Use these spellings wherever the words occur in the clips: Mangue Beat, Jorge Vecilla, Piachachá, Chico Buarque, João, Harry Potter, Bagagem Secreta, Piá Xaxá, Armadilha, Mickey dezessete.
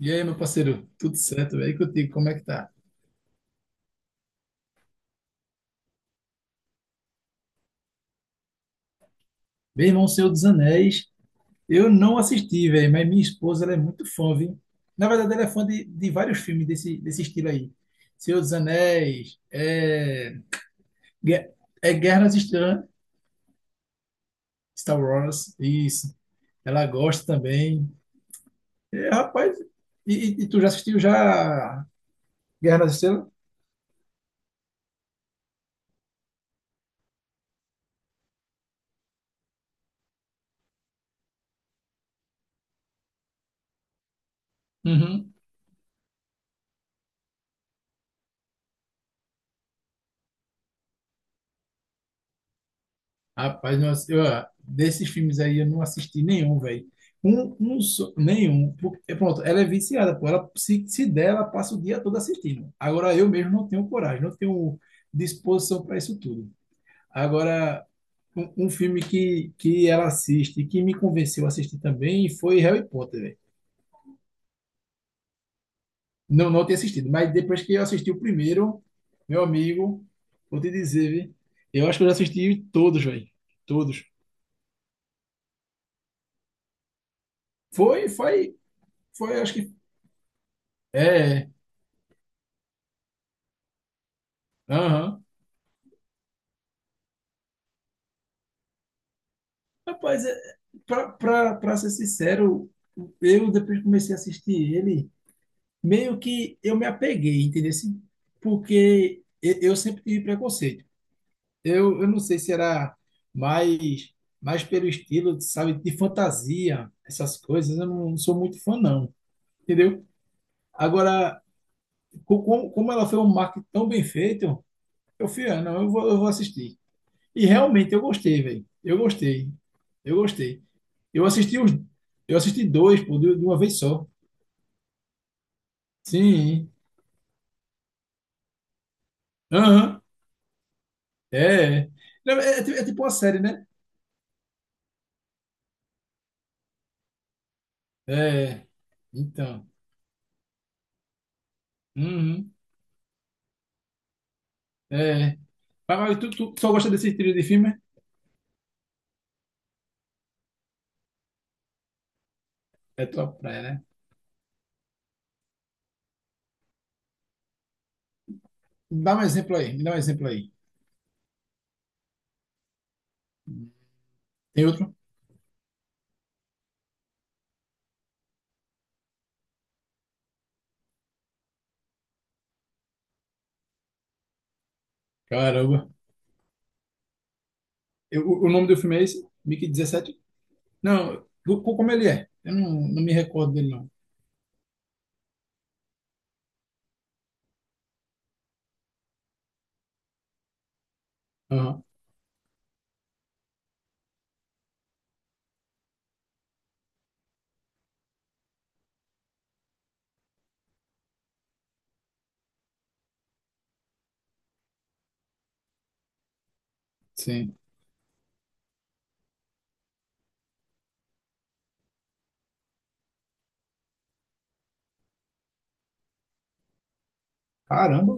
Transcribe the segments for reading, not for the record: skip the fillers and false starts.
E aí, meu parceiro, tudo certo, velho? E contigo, como é que tá? Meu irmão, Senhor dos Anéis, eu não assisti, velho, mas minha esposa, ela é muito fã, viu? Na verdade, ela é fã de vários filmes desse, estilo aí. Senhor dos Anéis Gue- é Guerra nas Estrelas, Star Wars, isso. Ela gosta também. É, rapaz, e tu já assistiu já Guerra nas Estrelas? Rapaz, não ass- eu, ah, desses filmes aí eu não assisti nenhum, velho. Um só, nenhum. É pronto, ela é viciada, pô. Ela, se der, ela passa o dia todo assistindo. Agora eu mesmo não tenho coragem, não tenho disposição para isso tudo. Agora, um filme que ela assiste, que me convenceu a assistir também, foi Harry Potter, velho. Não, não tinha assistido, mas depois que eu assisti o primeiro, meu amigo, vou te dizer, viu? Eu acho que eu já assisti todos, velho. Todos. Foi, foi. Foi, acho que é, aham. Rapaz, pra ser sincero, eu depois que comecei a assistir ele, meio que eu me apeguei, entendeu? Assim. Porque eu sempre tive preconceito. Eu não sei se era mais, mais pelo estilo, sabe, de fantasia, essas coisas, eu não sou muito fã, não, entendeu? Agora, como ela foi um marketing tão bem feito, eu fui, ah, não, eu vou assistir. E realmente eu gostei, velho. Eu gostei. Eu gostei. Eu assisti os. Eu assisti dois, pô, de uma vez só. Sim. Aham. É. É. Não, é tipo uma série, né? É. Então. Uhum. É. Mas tu só gosta desse estilo de filme? É tua praia, né? Me dá um exemplo aí. Me dá um exemplo aí. Tem outro? Caramba. O nome do filme é esse? Mickey 17. Não. Como ele é? Eu não me recordo dele, não. Aham. Sim. Caramba.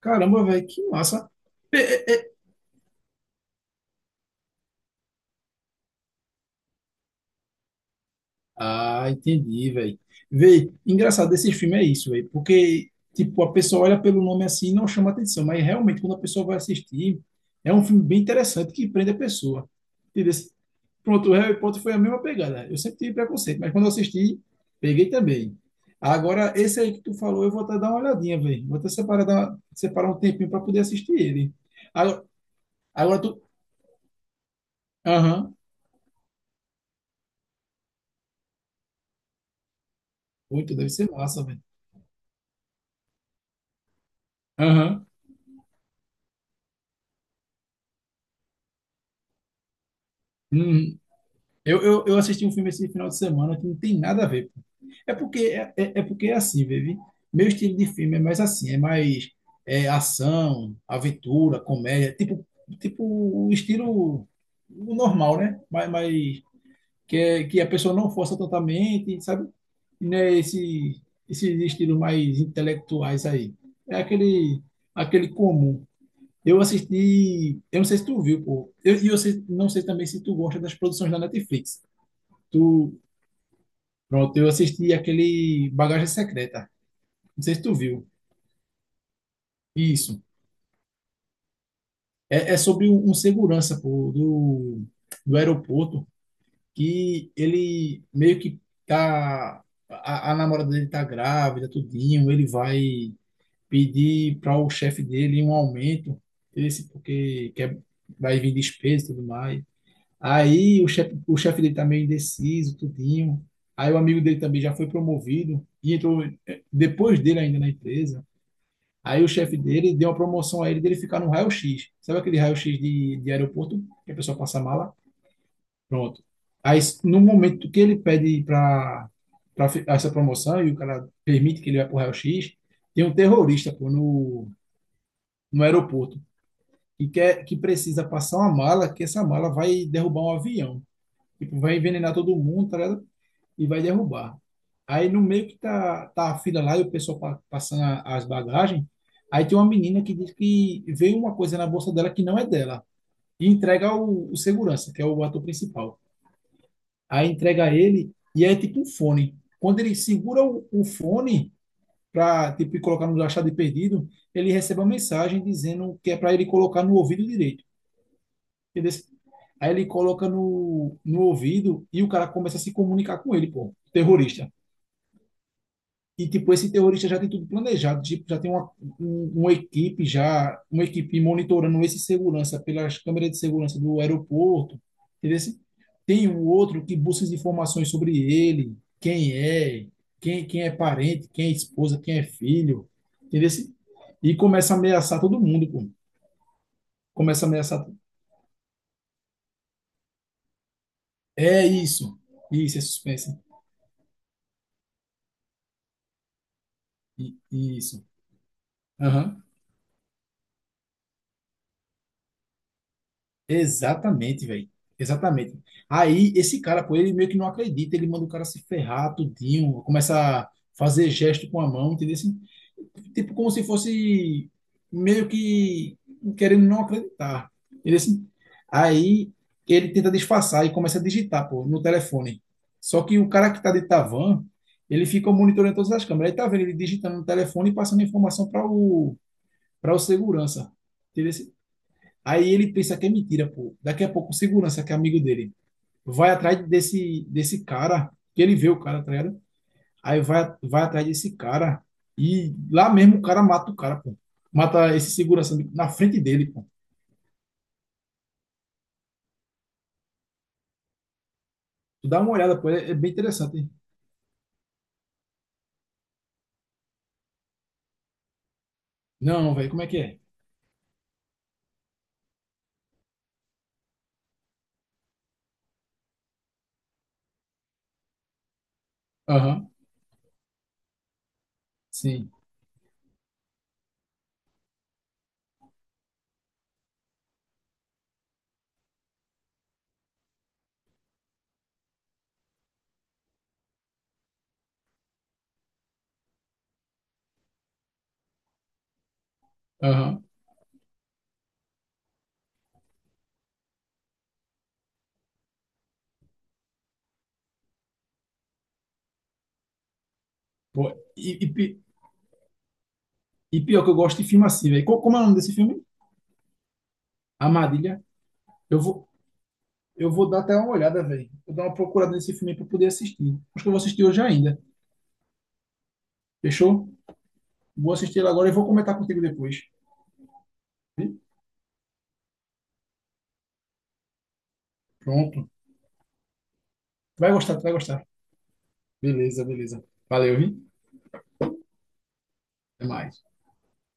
Caramba, velho, que massa. É, é, é. Ah, entendi, velho. Véi, engraçado, esses filmes é isso, velho, porque, tipo, a pessoa olha pelo nome assim e não chama atenção, mas realmente, quando a pessoa vai assistir, é um filme bem interessante que prende a pessoa. Entendeu? Pronto, o Harry Potter foi a mesma pegada. Eu sempre tive preconceito, mas quando eu assisti, peguei também. Agora, esse aí que tu falou, eu vou até dar uma olhadinha, velho. Vou até separar, separar um tempinho para poder assistir ele. Agora, agora, tu. Aham. Muito, deve ser massa, velho. Aham. Hum, eu assisti um filme esse final de semana que não tem nada a ver. É porque é assim, baby. Meu estilo de filme é mais assim, é mais ação, aventura, comédia, tipo, tipo o estilo normal, né? Mas que a pessoa não força totalmente, sabe? Né? Esses estilos mais intelectuais aí. É aquele comum. Eu assisti, eu não sei se tu viu, pô. Eu, e eu sei- não sei também se tu gosta das produções da Netflix. Tu, pronto, eu assisti aquele Bagagem Secreta. Não sei se tu viu. Isso. É sobre um segurança, pô, do aeroporto, que ele meio que tá. A namorada dele tá grávida, tudinho. Ele vai pedir para o chefe dele um aumento, esse porque quer, vai vir despesa e tudo mais. Aí o chefe dele tá meio indeciso, tudinho. Aí o amigo dele também já foi promovido e entrou depois dele ainda na empresa. Aí o chefe dele deu uma promoção a ele dele ficar no raio-x. Sabe aquele raio-x de aeroporto que a pessoa passa a mala? Pronto. Aí no momento que ele pede para essa promoção e o cara permite que ele vá pro raio-x, tem um terrorista, pô, no aeroporto, que quer, que precisa passar uma mala, que essa mala vai derrubar um avião. Tipo, vai envenenar todo mundo, tá ligado? E vai derrubar. Aí no meio que tá a fila lá e o pessoal passando as bagagens, aí tem uma menina que diz que veio uma coisa na bolsa dela que não é dela. E entrega o segurança, que é o ator principal. Aí entrega ele e é tipo um fone. Quando ele segura o fone para, tipo, colocar no achado de perdido, ele recebe uma mensagem dizendo que é para ele colocar no ouvido direito. Entendeu? Aí ele coloca no ouvido e o cara começa a se comunicar com ele, pô, terrorista. E, tipo, esse terrorista já tem tudo planejado, tipo, já tem uma equipe monitorando esse segurança pelas câmeras de segurança do aeroporto, entendeu? Tem um outro que busca as informações sobre ele, quem é, quem é parente, quem é esposa, quem é filho, entendeu? E começa a ameaçar todo mundo, pô. Começa a ameaçar. É isso, isso, é suspense. Isso. Aham. Exatamente, velho. Exatamente. Aí, esse cara, pô, ele meio que não acredita, ele manda o cara se ferrar tudinho, começa a fazer gesto com a mão, entendeu? Assim, tipo, como se fosse meio que querendo não acreditar. Entendeu? Assim, aí ele tenta disfarçar e começa a digitar, pô, no telefone. Só que o cara que tá de Tavan, ele fica monitorando todas as câmeras. Aí tá vendo ele digitando no telefone e passando informação para o segurança. Entendeu? Assim, aí ele pensa que é mentira, pô. Daqui a pouco o segurança, que é amigo dele, vai atrás desse cara, que ele vê o cara, tá ligado? Aí vai atrás desse cara e lá mesmo o cara mata o cara, pô. Mata esse segurança na frente dele, pô. Tu dá uma olhada, pô, é bem interessante. Hein? Não, velho, como é que é? Aham, sim, aham. Pô, e, e pi- e pior que eu gosto de filme assim, velho. Como é o nome desse filme? Armadilha. Eu vou, eu vou dar até uma olhada, velho. Vou dar uma procurada nesse filme aí pra poder assistir. Acho que eu vou assistir hoje ainda. Fechou? Vou assistir ele agora e vou comentar contigo depois. Viu? Pronto. Vai gostar, tu vai gostar. Beleza, beleza. Valeu, vi? Até mais.